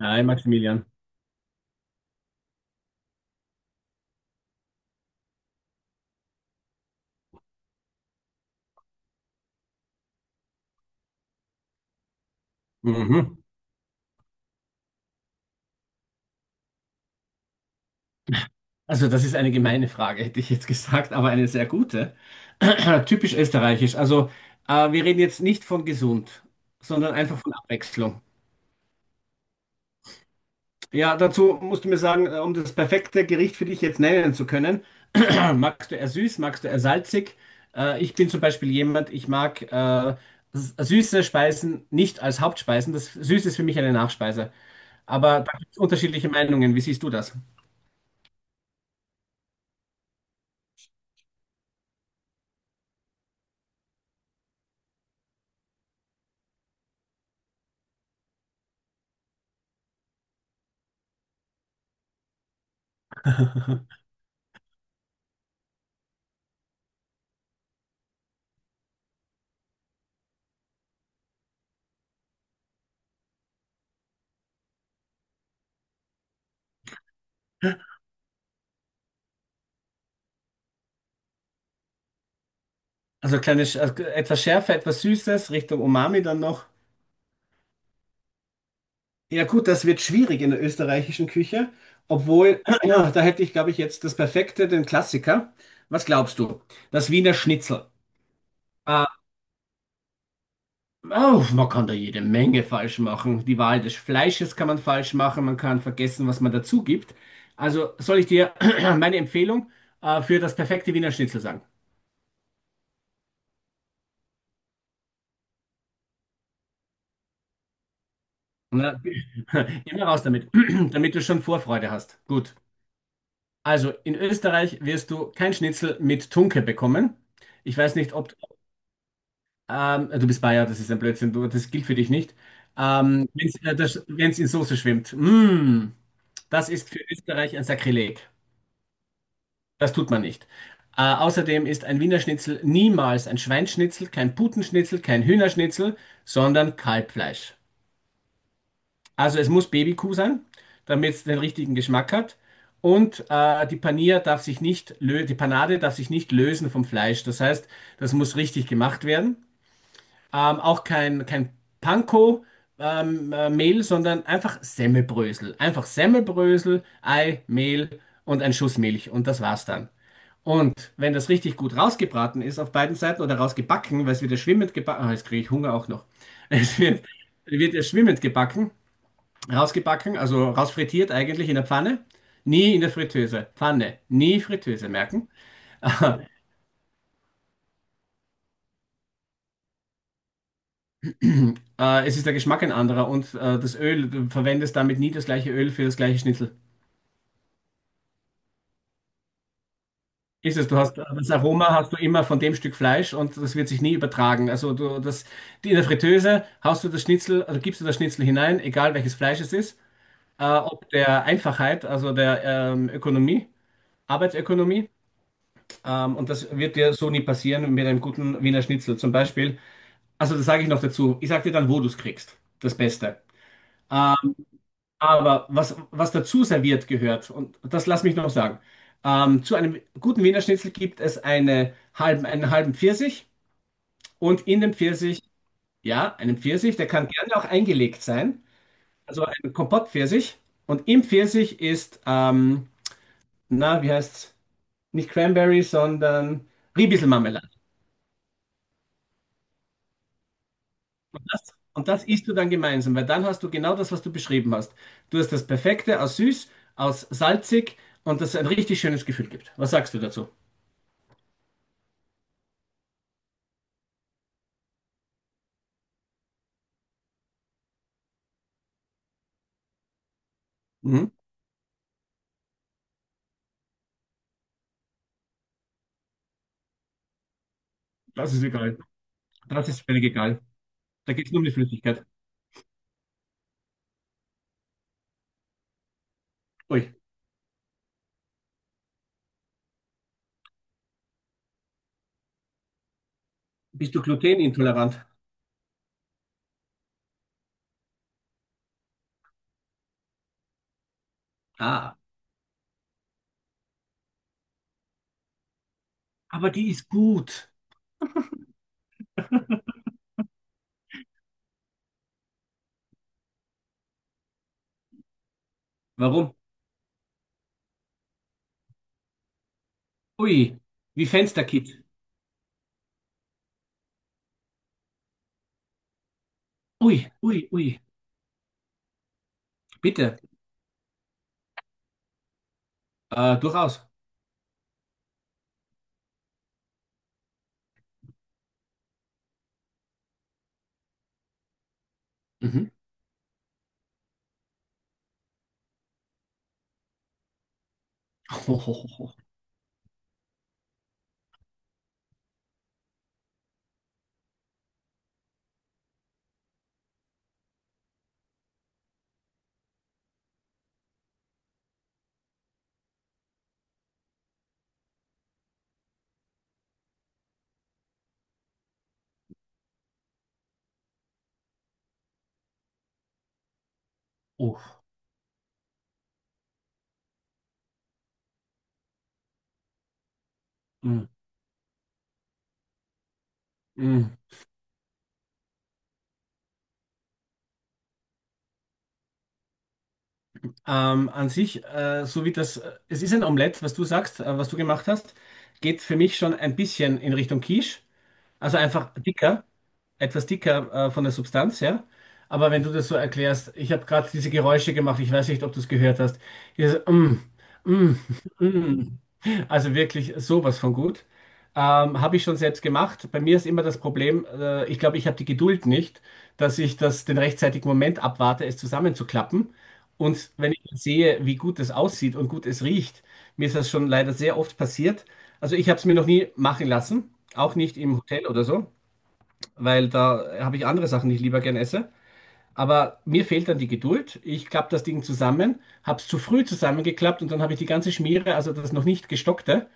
Hi Maximilian. Mhm. Also das ist eine gemeine Frage, hätte ich jetzt gesagt, aber eine sehr gute. Typisch österreichisch. Also wir reden jetzt nicht von gesund, sondern einfach von Abwechslung. Ja, dazu musst du mir sagen, um das perfekte Gericht für dich jetzt nennen zu können, magst du eher süß, magst du eher salzig? Ich bin zum Beispiel jemand, ich mag süße Speisen nicht als Hauptspeisen. Das Süße ist für mich eine Nachspeise. Aber da gibt es unterschiedliche Meinungen. Wie siehst du das? Also kleine, also etwas Schärfe, etwas Süßes, Richtung Umami dann noch. Ja gut, das wird schwierig in der österreichischen Küche, obwohl, ja, da hätte ich, glaube ich, jetzt das Perfekte, den Klassiker. Was glaubst du? Das Wiener Schnitzel. Äh, oh, man kann da jede Menge falsch machen. Die Wahl des Fleisches kann man falsch machen, man kann vergessen, was man dazu gibt. Also soll ich dir meine Empfehlung für das perfekte Wiener Schnitzel sagen? Na, immer raus damit, damit du schon Vorfreude hast. Gut. Also in Österreich wirst du kein Schnitzel mit Tunke bekommen. Ich weiß nicht, ob du bist Bayer, das ist ein Blödsinn, du, das gilt für dich nicht. Wenn es wenn's in Soße schwimmt, das ist für Österreich ein Sakrileg. Das tut man nicht. Außerdem ist ein Wiener Schnitzel niemals ein Schweinschnitzel, kein Putenschnitzel, kein Hühnerschnitzel, sondern Kalbfleisch. Also es muss Babykuh sein, damit es den richtigen Geschmack hat. Und die Panier darf sich nicht lö die Panade darf sich nicht lösen vom Fleisch. Das heißt, das muss richtig gemacht werden. Auch kein Panko, Mehl, sondern einfach Semmelbrösel. Einfach Semmelbrösel, Ei, Mehl und ein Schuss Milch. Und das war's dann. Und wenn das richtig gut rausgebraten ist auf beiden Seiten oder rausgebacken, weil es wird ja schwimmend gebacken, ah, jetzt kriege ich Hunger auch noch. Es wird, wird ja schwimmend gebacken. Rausgebacken, also rausfrittiert eigentlich in der Pfanne. Nie in der Fritteuse. Pfanne, nie Fritteuse, merken. Es ist der Geschmack ein anderer und das Öl, du verwendest damit nie das gleiche Öl für das gleiche Schnitzel. Ist es, du hast das Aroma hast du immer von dem Stück Fleisch und das wird sich nie übertragen. Also in der Fritteuse hast du das Schnitzel, also gibst du das Schnitzel hinein, egal welches Fleisch es ist, ob der Einfachheit, also der Ökonomie, Arbeitsökonomie, und das wird dir so nie passieren mit einem guten Wiener Schnitzel. Zum Beispiel. Also, das sage ich noch dazu. Ich sage dir dann, wo du es kriegst. Das Beste. Ähm, aber was dazu serviert gehört, und das lass mich noch sagen, zu einem guten Wiener Schnitzel gibt es einen halben Pfirsich und in dem Pfirsich, ja, einen Pfirsich, der kann gerne auch eingelegt sein, also ein Kompottpfirsich. Und im Pfirsich ist, na, wie heißt's? Nicht Cranberry, sondern Ribiesel. Das, und das isst du dann gemeinsam, weil dann hast du genau das, was du beschrieben hast. Du hast das Perfekte aus süß, aus salzig und das ein richtig schönes Gefühl gibt. Was sagst du dazu? Mhm. Das ist egal. Das ist völlig egal. Da geht es nur um die Flüssigkeit. Ui, bist du glutenintolerant? Ah, aber die ist gut. Warum? Ui, wie Fensterkit. Ui, ui, ui. Bitte, durchaus. Mhm. Oh, oh, oh, oh. Oh. Mm, mm. An sich, es ist ein Omelett, was du sagst, was du gemacht hast, geht für mich schon ein bisschen in Richtung Quiche. Also einfach dicker, etwas dicker, von der Substanz, ja. Aber wenn du das so erklärst, ich habe gerade diese Geräusche gemacht, ich weiß nicht, ob du es gehört hast. Dieses, mm, mm, mm. Also wirklich sowas von gut. Habe ich schon selbst gemacht. Bei mir ist immer das Problem, ich glaube, ich habe die Geduld nicht, dass ich das den rechtzeitigen Moment abwarte, es zusammenzuklappen. Und wenn ich sehe, wie gut es aussieht und gut es riecht, mir ist das schon leider sehr oft passiert. Also ich habe es mir noch nie machen lassen, auch nicht im Hotel oder so, weil da habe ich andere Sachen, die ich lieber gern esse. Aber mir fehlt dann die Geduld. Ich klappe das Ding zusammen, habe es zu früh zusammengeklappt und dann habe ich die ganze Schmiere, also das noch nicht gestockte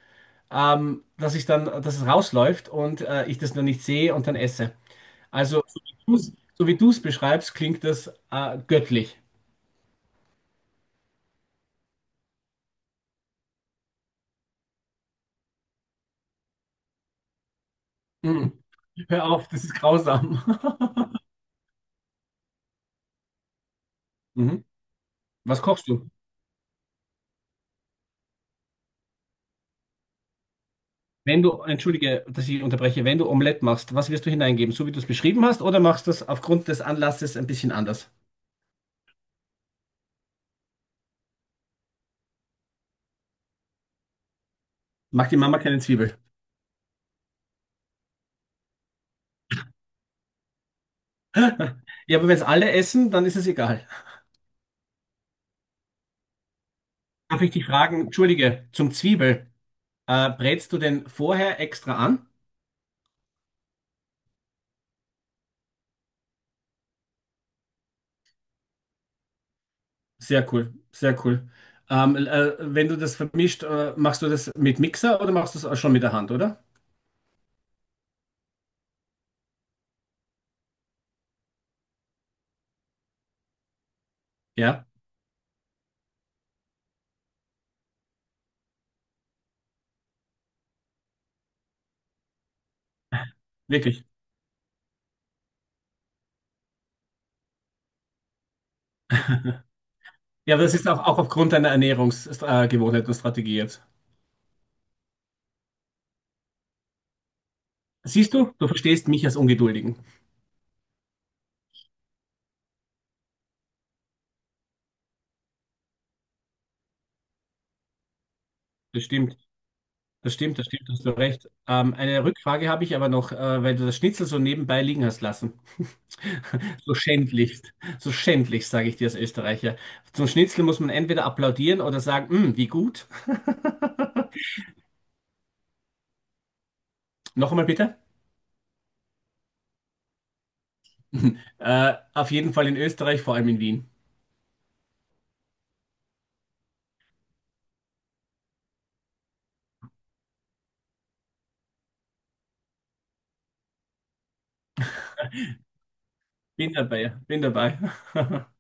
dass ich dass es rausläuft und ich das noch nicht sehe und dann esse. Also, so wie du es beschreibst, klingt das göttlich. Mhm. Hör auf, das ist grausam. Mhm. Was kochst du? Wenn du, entschuldige, dass ich unterbreche, wenn du Omelette machst, was wirst du hineingeben? So wie du es beschrieben hast, oder machst du es aufgrund des Anlasses ein bisschen anders? Mag die Mama keine Zwiebel? Ja, aber wenn es alle essen, dann ist es egal. Darf ich dich fragen, entschuldige, zum Zwiebel, brätst du den vorher extra an? Sehr cool, sehr cool. Wenn du das vermischt, machst du das mit Mixer oder machst du es schon mit der Hand, oder? Ja, wirklich. Ja, aber das ist auch aufgrund deiner Ernährungsgewohnheit Gewohnheit und Strategie jetzt. Siehst du, du verstehst mich als Ungeduldigen. Das stimmt, das stimmt, hast du recht. Eine Rückfrage habe ich aber noch, weil du das Schnitzel so nebenbei liegen hast lassen. So schändlichst, so schändlichst, sage ich dir als Österreicher. Zum Schnitzel muss man entweder applaudieren oder sagen, "Mm, wie gut." Noch einmal bitte. Auf jeden Fall in Österreich, vor allem in Wien. Bin dabei, bin dabei.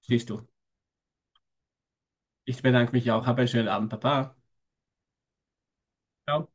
Siehst du. Ich bedanke mich auch. Hab einen schönen Abend, Papa. Ciao.